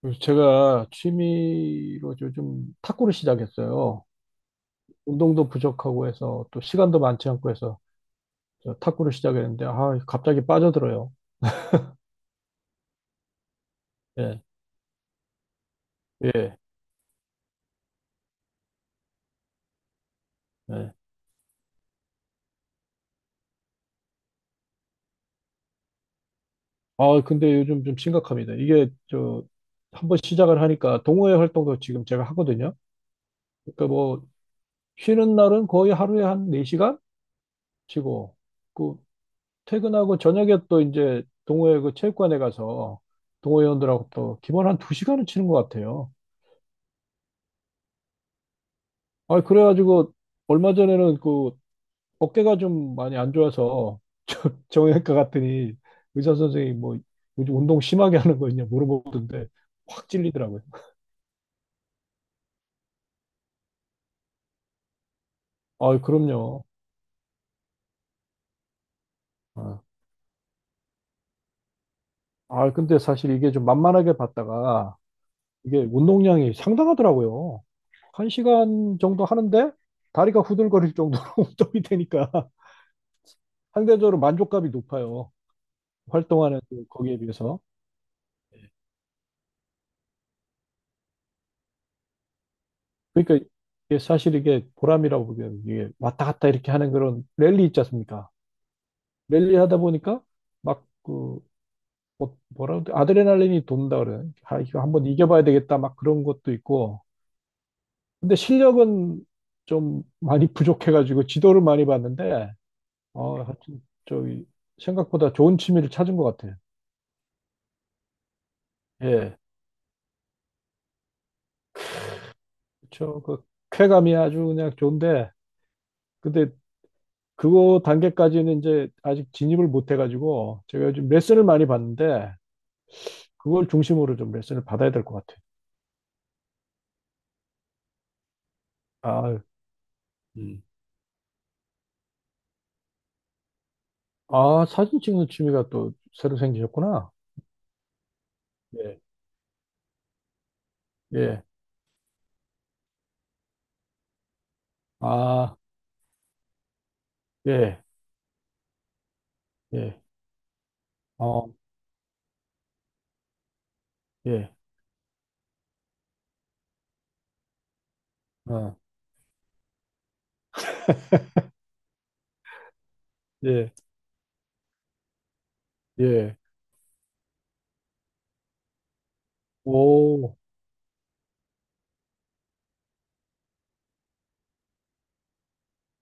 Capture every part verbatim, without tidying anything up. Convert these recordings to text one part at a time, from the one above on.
그래서 제가 취미로 요즘 탁구를 시작했어요. 운동도 부족하고 해서 또 시간도 많지 않고 해서 저 탁구를 시작했는데 아, 갑자기 빠져들어요. 예, 예, 예. 아, 근데 요즘 좀 심각합니다. 이게 저 한번 시작을 하니까 동호회 활동도 지금 제가 하거든요. 그러니까 뭐 쉬는 날은 거의 하루에 한 네 시간 치고 그 퇴근하고 저녁에 또 이제 동호회 그 체육관에 가서 동호회원들하고 또 기본 한 두 시간은 치는 것 같아요. 아, 그래가지고 얼마 전에는 그 어깨가 좀 많이 안 좋아서 저- 정형외과 갔더니 의사 선생님이 뭐 요즘 운동 심하게 하는 거 있냐 물어보던데 확 찔리더라고요. 아, 그럼요. 아, 아, 근데 사실 이게 좀 만만하게 봤다가 이게 운동량이 상당하더라고요. 한 시간 정도 하는데 다리가 후들거릴 정도로 운동이 되니까 상대적으로 만족감이 높아요. 활동하는 그 거기에 비해서. 그러니까 이게 사실 이게 보람이라고 보기에는 이게 왔다 갔다 이렇게 하는 그런 랠리 있지 않습니까? 랠리 하다 보니까 막 그 뭐라 그 아드레날린이 돈다 그래요. 아, 이거 한번 이겨봐야 되겠다 막 그런 것도 있고. 근데 실력은 좀 많이 부족해가지고 지도를 많이 봤는데 어 하여튼 저기 생각보다 좋은 취미를 찾은 것 같아요. 예, 그렇죠. 그 쾌감이 아주 그냥 좋은데 근데 그거 단계까지는 이제 아직 진입을 못 해가지고 제가 요즘 레슨을 많이 받는데 그걸 중심으로 좀 레슨을 받아야 될 것 같아요. 음. 아, 아, 사진 찍는 취미가 또 새로 생기셨구나. 예, 예, 아, 예, 예, 어, 예, 어, 예, 예, 오,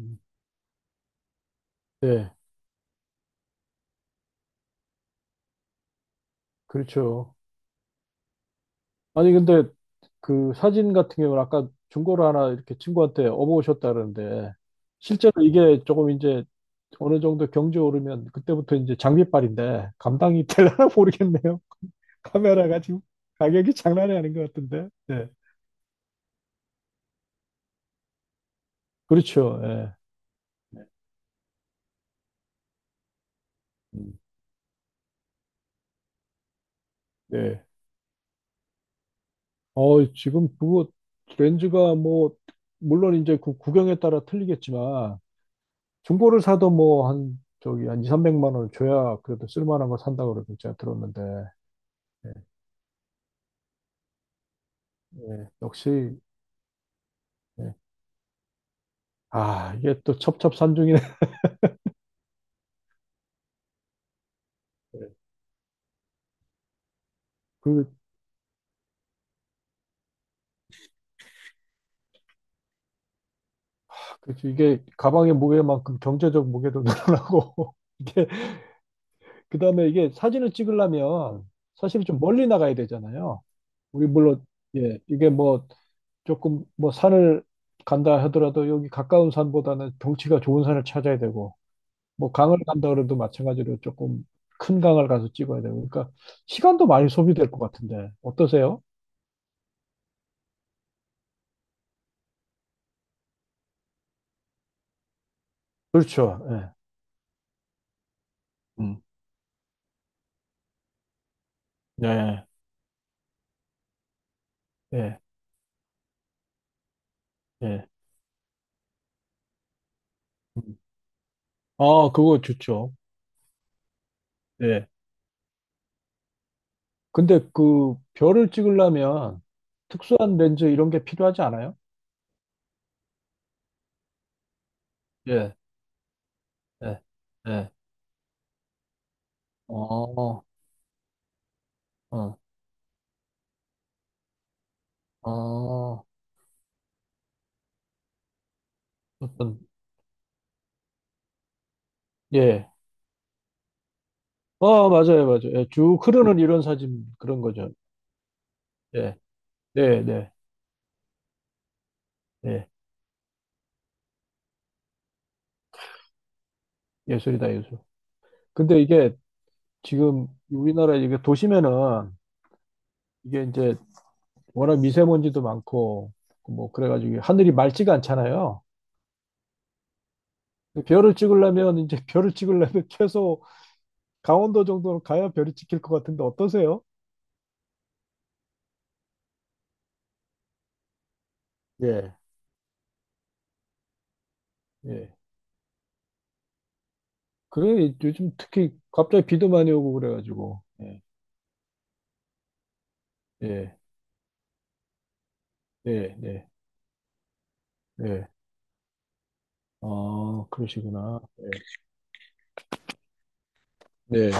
음, 예, 그렇죠. 아니, 근데 그 사진 같은 경우는 아까 중고로 하나 이렇게 친구한테 업어오셨다 그러는데, 실제로 이게 조금 이제 어느 정도 경제 오르면 그때부터 이제 장비빨인데, 감당이 될려나 모르겠네요. 카메라가 지금 가격이 장난이 아닌 것 같은데. 네. 그렇죠. 예. 음. 네. 어, 지금 그거 렌즈가 뭐, 물론 이제 그 구경에 따라 틀리겠지만, 중고를 사도 뭐 한, 저기 한 이백, 삼백만 원 줘야 그래도 쓸만한 거 산다고 그러고 제가 들었는데, 예, 예, 역시, 예. 아, 이게 또 첩첩산중이네. 예. 그, 그, 이게 가방의 무게만큼 경제적 무게도 늘어나고, 이게, 그 다음에 이게 사진을 찍으려면 사실 좀 멀리 나가야 되잖아요. 우리 물론, 예, 이게 뭐 조금 뭐 산을 간다 하더라도 여기 가까운 산보다는 경치가 좋은 산을 찾아야 되고, 뭐 강을 간다 그래도 마찬가지로 조금 큰 강을 가서 찍어야 되고, 그러니까 시간도 많이 소비될 것 같은데, 어떠세요? 그렇죠. 예. 음. 네. 예, 예. 음. 아, 그거 좋죠. 예. 근데 그 별을 찍으려면 특수한 렌즈 이런 게 필요하지 않아요? 예, 예, 예. 어, 어, 어, 어떤, 예. 어, 맞아요, 맞아요. 예, 쭉 흐르는 이런 사진 그런 거죠. 예, 네, 네, 예. 예술이다, 예술. 근데 이게 지금 우리나라 이게 도심에는 이게 이제 워낙 미세먼지도 많고 뭐 그래가지고 하늘이 맑지가 않잖아요. 별을 찍으려면 이제 별을 찍으려면 최소 강원도 정도로 가야 별이 찍힐 것 같은데 어떠세요? 예. 예. 그래 요즘 특히 갑자기 비도 많이 오고 그래가지고 예. 예. 예. 예. 예. 아, 그러시구나. 예. 네.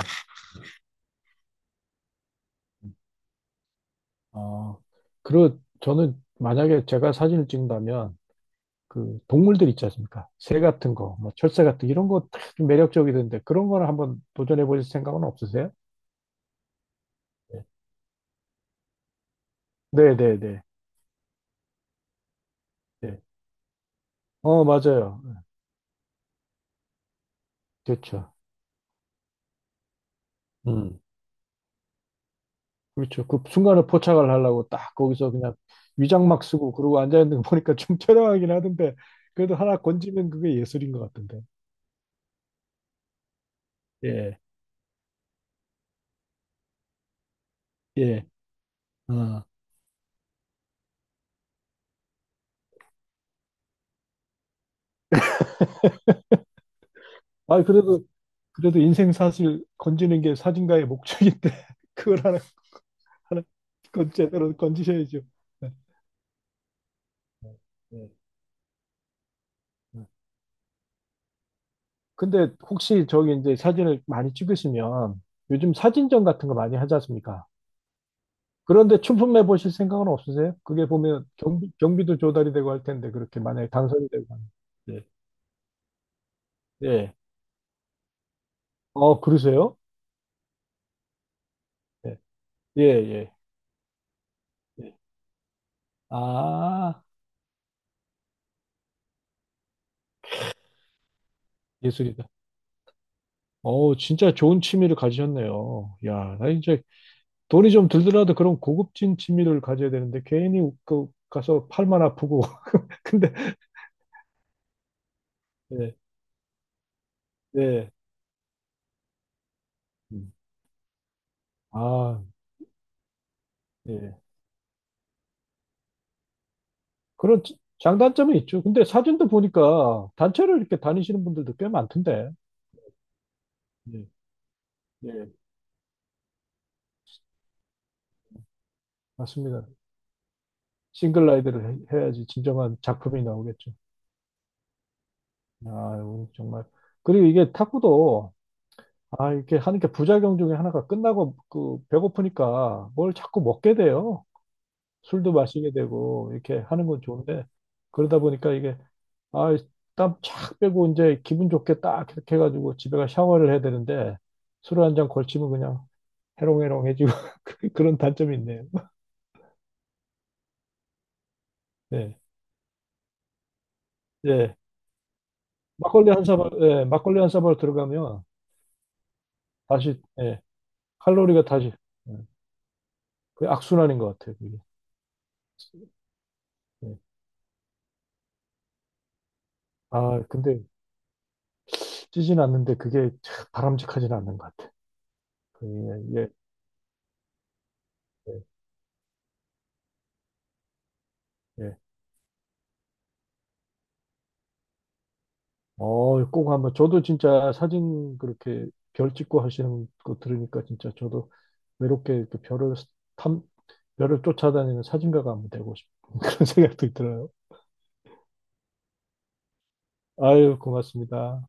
아, 그리고 저는 만약에 제가 사진을 찍는다면 그 동물들 있지 않습니까? 새 같은 거, 뭐 철새 같은 거 이런 거 좀 매력적이던데 그런 거를 한번 도전해 보실 생각은 없으세요? 네, 네, 네. 네. 네. 어, 맞아요. 그렇죠. 음. 그렇죠. 그 순간에 포착을 하려고 딱 거기서 그냥 위장막 쓰고 그러고 앉아 있는 거 보니까 좀 처량하긴 하던데 그래도 하나 건지면 그게 예술인 것 같던데. 예, 예. 아, 아 그래도 그래도 인생 사실 건지는 게 사진가의 목적인데 그걸 하나 하나 건 제대로 건지셔야죠. 네, 네, 네. 근데 혹시 저기 이제 사진을 많이 찍으시면 요즘 사진전 같은 거 많이 하지 않습니까? 그런데 춘품 해 보실 생각은 없으세요? 그게 보면 경비, 경비도 조달이 되고 할 텐데 그렇게 만약에 당선이 되고 하면. 예. 예. 어, 그러세요? 예. 예, 예. 예. 아, 예술이다. 어, 진짜 좋은 취미를 가지셨네요. 야, 나 이제 돈이 좀 들더라도 그런 고급진 취미를 가져야 되는데 괜히 그 가서 팔만 아프고. 근데 예. 예. 음. 아, 예. 그런 지- 장단점이 있죠. 근데 사진도 보니까 단체로 이렇게 다니시는 분들도 꽤 많던데. 예. 예, 맞습니다. 싱글 라이드를 해- 해야지 진정한 작품이 나오겠죠. 아, 오늘 정말. 그리고 이게 탁구도, 아, 이렇게 하는 게 부작용 중에 하나가 끝나고 그 배고프니까 뭘 자꾸 먹게 돼요. 술도 마시게 되고, 이렇게 하는 건 좋은데, 그러다 보니까 이게, 아, 땀 쫙 빼고 이제 기분 좋게 딱 이렇게 해가지고 집에 가 샤워를 해야 되는데, 술 한 잔 걸치면 그냥 해롱해롱해지고, 그- 그런 단점이 있네요. 네. 예. 막걸리 한 사발, 예, 막걸리 한 사발 들어가면 다시, 예, 칼로리가 다시, 예, 그게 악순환인 것 같아요, 그게. 예. 아, 근데 찌진 않는데 그게 참 바람직하진 않는 것 같아. 그, 예, 예, 예. 어, 꼭 한번, 저도 진짜 사진 그렇게 별 찍고 하시는 거 들으니까 진짜 저도 외롭게 이렇게 별을 탐, 별을 쫓아다니는 사진가가 한번 되고 싶은 그런 생각도 들어요. 아유, 고맙습니다.